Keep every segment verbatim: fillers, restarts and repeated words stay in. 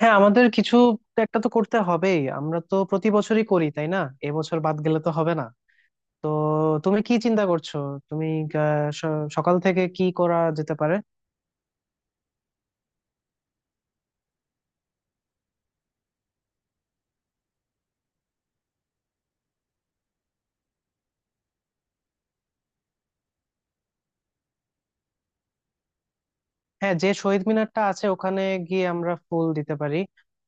হ্যাঁ, আমাদের কিছু একটা তো করতে হবেই। আমরা তো প্রতি বছরই করি, তাই না? এবছর বাদ গেলে তো হবে না। তো তুমি কি চিন্তা করছো? তুমি আহ, স- সকাল থেকে কি করা যেতে পারে? হ্যাঁ, যে শহীদ মিনারটা আছে, ওখানে গিয়ে আমরা ফুল দিতে পারি।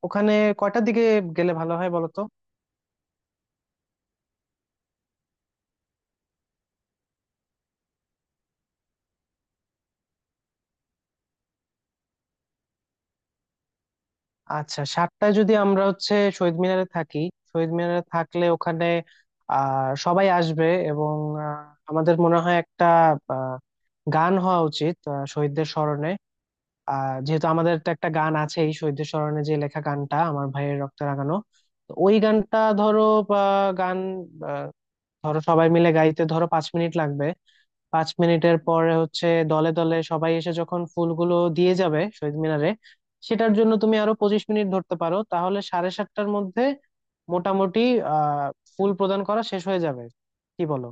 ওখানে কয়টার দিকে গেলে ভালো হয় বলো তো? আচ্ছা, সাতটায় যদি আমরা হচ্ছে শহীদ মিনারে থাকি, শহীদ মিনারে থাকলে ওখানে আহ সবাই আসবে, এবং আহ, আমাদের মনে হয় একটা আহ, গান হওয়া উচিত, আহ, শহীদদের স্মরণে। আহ যেহেতু আমাদের তো একটা গান আছেই শহীদদের স্মরণে, যে লেখা গানটা আমার ভাইয়ের রক্তে রাঙানো, তো ওই গানটা ধরো বা গান, আহ, ধরো সবাই মিলে গাইতে ধরো পাঁচ মিনিট লাগবে। পাঁচ মিনিটের পরে হচ্ছে দলে দলে সবাই এসে যখন ফুলগুলো দিয়ে যাবে শহীদ মিনারে, সেটার জন্য তুমি আরো পঁচিশ মিনিট ধরতে পারো, তাহলে সাড়ে সাতটার মধ্যে মোটামুটি আহ ফুল প্রদান করা শেষ হয়ে যাবে। কি বলো?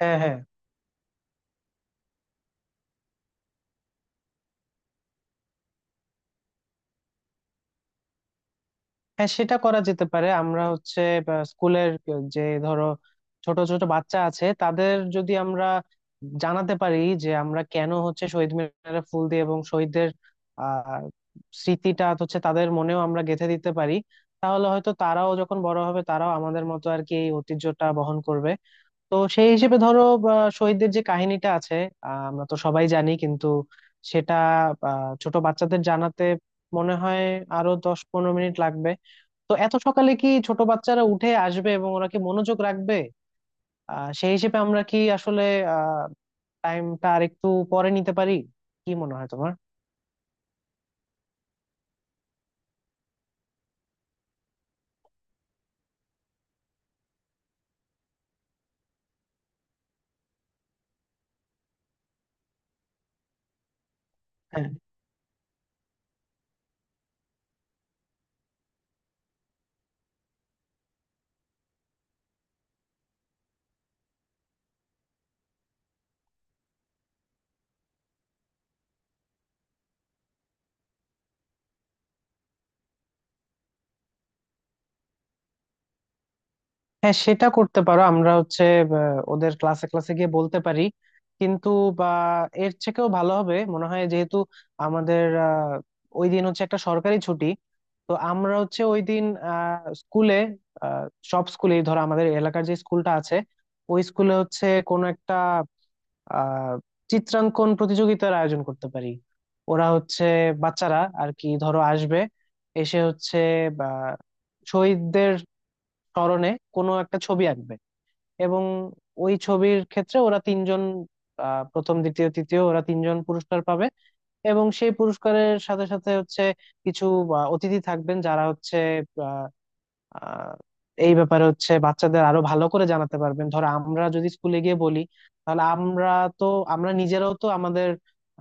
হ্যাঁ, হ্যাঁ, হ্যাঁ, সেটা করা যেতে পারে। আমরা হচ্ছে বা, স্কুলের যে ধরো ছোট ছোট বাচ্চা আছে, তাদের যদি আমরা জানাতে পারি যে আমরা কেন হচ্ছে শহীদ মিনারে ফুল দিয়ে, এবং শহীদদের আহ স্মৃতিটা হচ্ছে তাদের মনেও আমরা গেঁথে দিতে পারি, তাহলে হয়তো তারাও যখন বড় হবে তারাও আমাদের মতো আর কি এই ঐতিহ্যটা বহন করবে। তো সেই হিসেবে ধরো বা, শহীদদের যে কাহিনীটা আছে, আহ, আমরা তো সবাই জানি, কিন্তু সেটা আহ, ছোট বাচ্চাদের জানাতে মনে হয় আরো দশ পনেরো মিনিট লাগবে। তো এত সকালে কি ছোট বাচ্চারা উঠে আসবে এবং ওরা কি মনোযোগ রাখবে? আহ সেই হিসেবে আমরা কি আসলে আহ টাইমটা আর একটু পরে নিতে পারি? কি মনে হয় তোমার? হ্যাঁ, হ্যাঁ, সেটা করতে পারো। আমরা হচ্ছে আহ, ওদের ক্লাসে ক্লাসে গিয়ে বলতে পারি, কিন্তু বা এর থেকেও ভালো হবে মনে হয়, যেহেতু আমাদের আহ ওই দিন হচ্ছে একটা সরকারি ছুটি, তো আমরা হচ্ছে ওই দিন আহ স্কুলে আহ সব স্কুলেই ধরো আমাদের এলাকার যে স্কুলটা আছে ওই স্কুলে হচ্ছে কোনো একটা আহ চিত্রাঙ্কন প্রতিযোগিতার আয়োজন করতে পারি। ওরা হচ্ছে বাচ্চারা আর কি ধরো আসবে, এসে হচ্ছে বা শহীদদের স্মরণে কোনো একটা ছবি আঁকবে, এবং ওই ছবির ক্ষেত্রে ওরা তিনজন আহ, প্রথম দ্বিতীয় তৃতীয় ওরা তিনজন পুরস্কার পাবে। এবং সেই পুরস্কারের সাথে সাথে হচ্ছে কিছু আহ, অতিথি থাকবেন, যারা হচ্ছে আহ, এই ব্যাপারে হচ্ছে বাচ্চাদের আরো ভালো করে জানাতে পারবেন। ধরো আমরা যদি স্কুলে গিয়ে বলি, তাহলে আমরা তো আমরা নিজেরাও তো আমাদের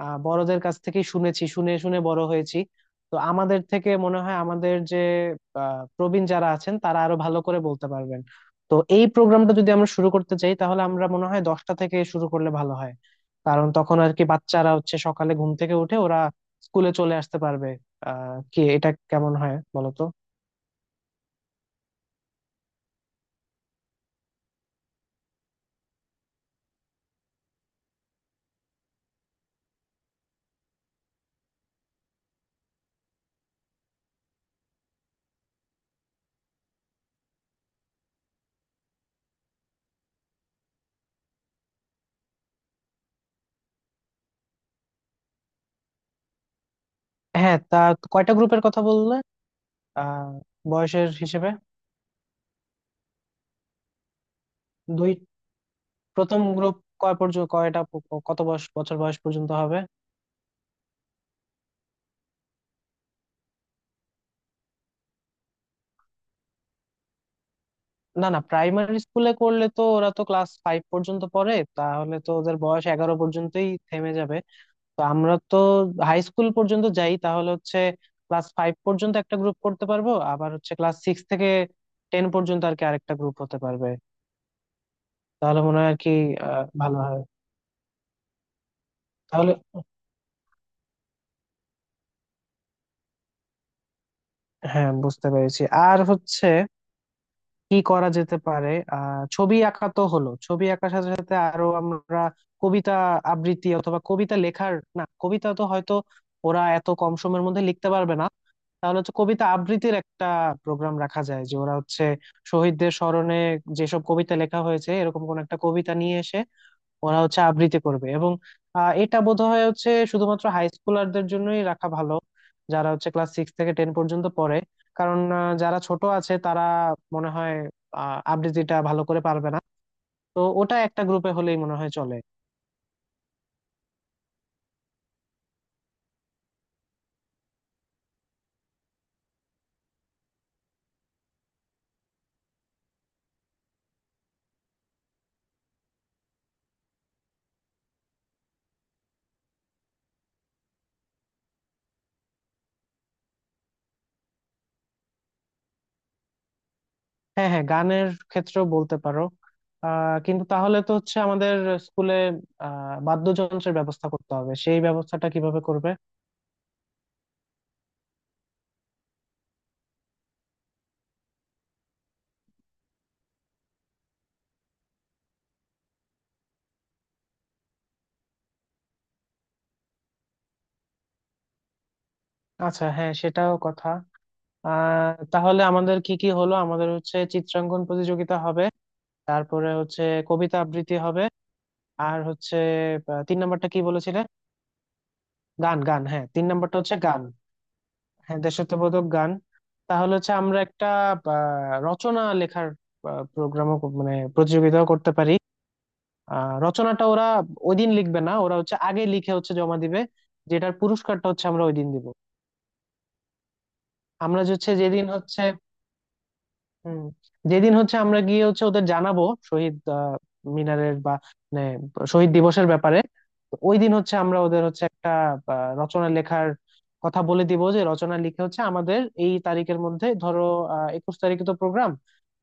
আহ, বড়দের কাছ থেকে শুনেছি, শুনে শুনে বড় হয়েছি। তো আমাদের থেকে মনে হয় আমাদের যে আহ, প্রবীণ যারা আছেন তারা আরো ভালো করে বলতে পারবেন। তো এই প্রোগ্রামটা যদি আমরা শুরু করতে চাই, তাহলে আমরা মনে হয় দশটা থেকে শুরু করলে ভালো হয়, কারণ তখন আর কি বাচ্চারা হচ্ছে সকালে ঘুম থেকে উঠে ওরা স্কুলে চলে আসতে পারবে। আহ কি, এটা কেমন হয় বলতো? হ্যাঁ, তা কয়টা গ্রুপের কথা বললে? আহ বয়সের হিসেবে দুই প্রথম গ্রুপ কয় পর্যন্ত, কয়টা প- প- কত বয়স বছর বয়স পর্যন্ত হবে? না, না, প্রাইমারি স্কুলে করলে তো ওরা তো ক্লাস ফাইভ পর্যন্ত পড়ে, তাহলে তো ওদের বয়স এগারো পর্যন্তই থেমে যাবে। তো আমরা তো হাই স্কুল পর্যন্ত যাই, তাহলে হচ্ছে ক্লাস ফাইভ পর্যন্ত একটা গ্রুপ করতে পারবো, আবার হচ্ছে ক্লাস সিক্স থেকে টেন পর্যন্ত আর কি আরেকটা গ্রুপ হতে পারবে। তাহলে মনে হয় আর কি আহ ভালো হয়। তাহলে হ্যাঁ, বুঝতে পেরেছি। আর হচ্ছে কি করা যেতে পারে, আহ ছবি আঁকা তো হলো, ছবি আঁকার সাথে সাথে আরো আমরা কবিতা আবৃত্তি অথবা কবিতা লেখার, না কবিতা তো হয়তো ওরা এত কম সময়ের মধ্যে লিখতে পারবে না। তাহলে হচ্ছে কবিতা আবৃত্তির একটা প্রোগ্রাম রাখা যায়, যে ওরা হচ্ছে শহীদদের স্মরণে যেসব কবিতা লেখা হয়েছে এরকম কোন একটা কবিতা নিয়ে এসে ওরা হচ্ছে আবৃত্তি করবে। এবং আহ, এটা বোধহয় হচ্ছে শুধুমাত্র হাই স্কুলারদের জন্যই রাখা ভালো, যারা হচ্ছে ক্লাস সিক্স থেকে টেন পর্যন্ত পড়ে। কারণ আহ, যারা ছোট আছে তারা মনে হয় আহ, আবৃত্তিটা ভালো করে পারবে না। তো ওটা একটা গ্রুপে হলেই মনে হয় চলে। হ্যাঁ, হ্যাঁ, গানের ক্ষেত্রেও বলতে পারো। আহ কিন্তু তাহলে তো হচ্ছে আমাদের স্কুলে আহ বাদ্যযন্ত্রের ব্যবস্থা করতে হবে, সেই ব্যবস্থাটা কিভাবে করবে? আচ্ছা, হ্যাঁ, সেটাও কথা। আহ তাহলে আমাদের কি কি হলো? আমাদের হচ্ছে চিত্রাঙ্কন প্রতিযোগিতা হবে, তারপরে হচ্ছে কবিতা আবৃত্তি হবে, আর হচ্ছে আহ, তিন নাম্বারটা কি বলেছিলে? গান, গান, হ্যাঁ, তিন নাম্বারটা হচ্ছে গান। হ্যাঁ, দেশাত্মবোধক গান। তাহলে হচ্ছে আমরা একটা আহ, রচনা লেখার প্রোগ্রামও, মানে প্রতিযোগিতাও করতে পারি। আহ রচনাটা ওরা ওই দিন লিখবে না, ওরা হচ্ছে আগে লিখে হচ্ছে জমা দিবে, যেটার পুরস্কারটা হচ্ছে আমরা ওই দিন দিব। আমরা যে হচ্ছে যেদিন হচ্ছে, হুম, যেদিন হচ্ছে আমরা গিয়ে হচ্ছে ওদের জানাবো শহীদ আহ, মিনারের বা মানে শহীদ দিবসের ব্যাপারে। তো ওই দিন হচ্ছে আমরা ওদের হচ্ছে একটা আহ, রচনা লেখার কথা বলে দিব, যে রচনা লিখে হচ্ছে আমাদের এই তারিখের মধ্যে, ধরো আহ একুশ তারিখে তো প্রোগ্রাম,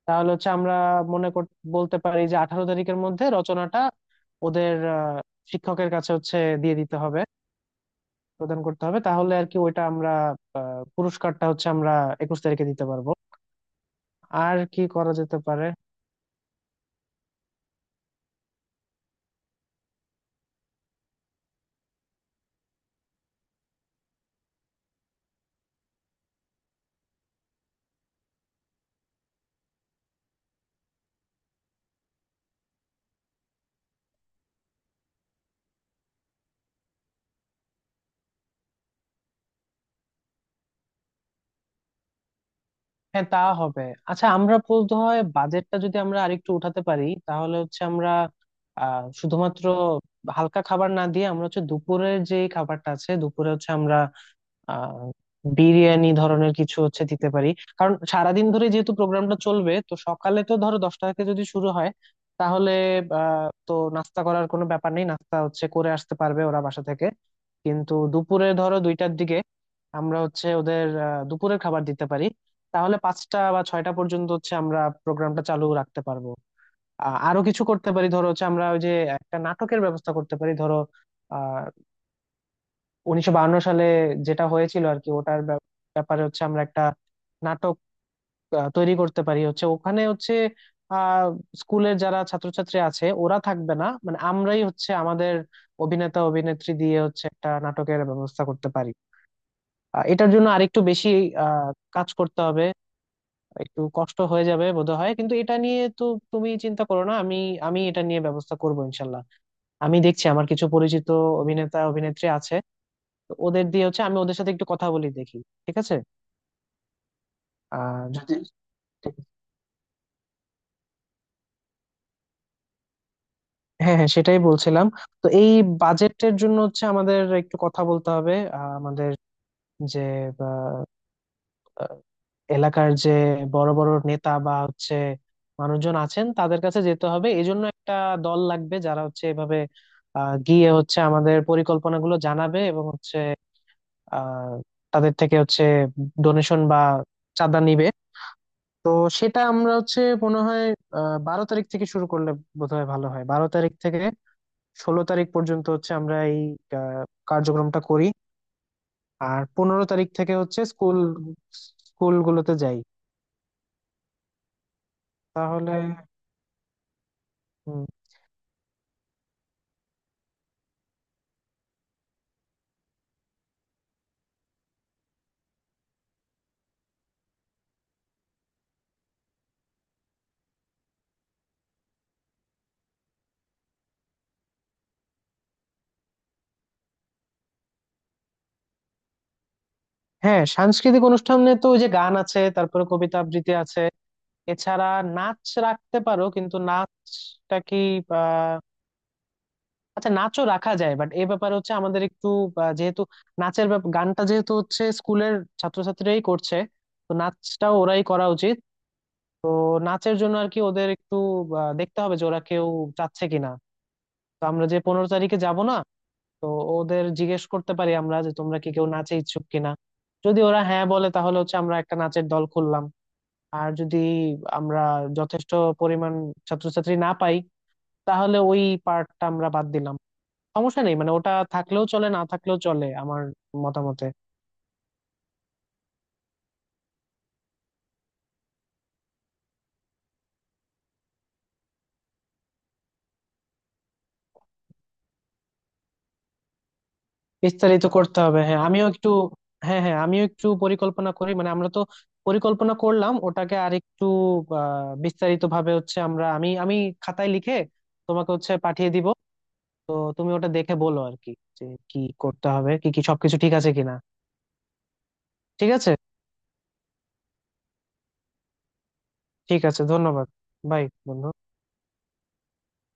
তাহলে হচ্ছে আমরা মনে কর বলতে পারি যে আঠারো তারিখের মধ্যে রচনাটা ওদের আহ, শিক্ষকের কাছে হচ্ছে দিয়ে দিতে হবে, প্রদান করতে হবে। তাহলে আর কি ওইটা আমরা, আহ, পুরস্কারটা হচ্ছে আমরা একুশ তারিখে দিতে পারবো। আর কি করা যেতে পারে? হ্যাঁ, তা হবে। আচ্ছা, আমরা বলতে হয় বাজেটটা যদি আমরা আরেকটু উঠাতে পারি, তাহলে হচ্ছে আমরা আহ শুধুমাত্র হালকা খাবার না দিয়ে আমরা হচ্ছে দুপুরের যে খাবারটা আছে দুপুরে হচ্ছে আমরা আহ বিরিয়ানি ধরনের কিছু হচ্ছে দিতে পারি। কারণ সারাদিন ধরে যেহেতু প্রোগ্রামটা চলবে, তো সকালে তো ধরো দশটা থেকে যদি শুরু হয়, তাহলে আহ তো নাস্তা করার কোনো ব্যাপার নেই, নাস্তা হচ্ছে করে আসতে পারবে ওরা বাসা থেকে, কিন্তু দুপুরে ধরো দুইটার দিকে আমরা হচ্ছে ওদের আহ, দুপুরের খাবার দিতে পারি। তাহলে পাঁচটা বা ছয়টা পর্যন্ত হচ্ছে আমরা প্রোগ্রামটা চালু রাখতে পারবো। আ- আরো কিছু করতে পারি, ধরো হচ্ছে আমরা ওই যে একটা নাটকের ব্যবস্থা করতে পারি। ধরো উনিশশো বাহান্ন সালে যেটা হয়েছিল আর কি, ওটার ব্যা- ব্যাপারে হচ্ছে আমরা একটা নাটক আহ, তৈরি করতে পারি, হচ্ছে ওখানে হচ্ছে আহ স্কুলের যারা ছাত্রছাত্রী আছে ওরা থাকবে না, মানে আমরাই হচ্ছে আমাদের অভিনেতা অভিনেত্রী দিয়ে হচ্ছে একটা নাটকের ব্যবস্থা করতে পারি। আহ, এটার জন্য আরেকটু বেশি আহ কাজ করতে হবে, একটু কষ্ট হয়ে যাবে বোধহয়, কিন্তু এটা নিয়ে তো তুমি চিন্তা করো না। আমি আমি এটা নিয়ে ব্যবস্থা করবো ইনশাল্লাহ। আমি দেখছি আমার কিছু পরিচিত অভিনেতা অভিনেত্রী আছে, তো ওদের দিয়ে হচ্ছে আমি ওদের সাথে একটু কথা বলি দেখি। ঠিক আছে? আর যদি ঠিক আছে। হ্যাঁ, হ্যাঁ, সেটাই বলছিলাম। তো এই বাজেটের জন্য হচ্ছে আমাদের একটু কথা বলতে হবে, আহ, আমাদের যে আহ, আহ, এলাকার যে বড় বড় নেতা বা হচ্ছে মানুষজন আছেন তাদের কাছে যেতে হবে। এই জন্য একটা দল লাগবে, যারা হচ্ছে এভাবে আহ, গিয়ে হচ্ছে আমাদের পরিকল্পনাগুলো জানাবে এবং হচ্ছে আহ তাদের থেকে হচ্ছে ডোনেশন বা চাঁদা নিবে। তো সেটা আমরা হচ্ছে মনে হয় আহ বারো তারিখ থেকে শুরু করলে বোধহয় ভালো হয়, বারো তারিখ থেকে ষোলো তারিখ পর্যন্ত হচ্ছে আমরা এই আহ, কার্যক্রমটা করি, আর পনেরো তারিখ থেকে হচ্ছে স্কুল স্কুলগুলোতে যাই। তাহলে হুম, হ্যাঁ, সাংস্কৃতিক অনুষ্ঠানে তো ওই যে গান আছে, তারপরে কবিতা আবৃত্তি আছে, এছাড়া নাচ রাখতে পারো, কিন্তু নাচটা কি, আচ্ছা নাচও রাখা যায়, বাট এই ব্যাপারে হচ্ছে আমাদের একটু আহ, যেহেতু নাচের ব্যাপ- গানটা যেহেতু হচ্ছে স্কুলের ছাত্রছাত্রীরাই করছে, তো নাচটাও ওরাই করা উচিত। তো নাচের জন্য আর কি ওদের একটু আহ, দেখতে হবে যে ওরা কেউ চাচ্ছে কিনা। তো আমরা যে পনেরো তারিখে যাব না, তো ওদের জিজ্ঞেস করতে পারি আমরা যে তোমরা কি কেউ নাচে ইচ্ছুক কিনা। যদি ওরা হ্যাঁ বলে, তাহলে হচ্ছে আমরা একটা নাচের দল খুললাম। আর যদি আমরা যথেষ্ট পরিমাণ ছাত্রছাত্রী না পাই, তাহলে ওই পার্টটা আমরা বাদ দিলাম। সমস্যা নেই, মানে ওটা থাকলেও চলে না থাকলেও চলে আমার মতামতে। বিস্তারিত করতে হবে, হ্যাঁ, আমিও একটু। হ্যাঁ, হ্যাঁ, আমিও একটু পরিকল্পনা করি, মানে আমরা তো পরিকল্পনা করলাম ওটাকে আর একটু বিস্তারিত ভাবে হচ্ছে আমরা, আমি আমি খাতায় লিখে তোমাকে হচ্ছে পাঠিয়ে দিব। তো তুমি ওটা দেখে বলো আর কি, যে কি করতে হবে, কি কি সবকিছু ঠিক আছে কিনা। ঠিক আছে। ঠিক আছে, ধন্যবাদ। বাই, বন্ধু।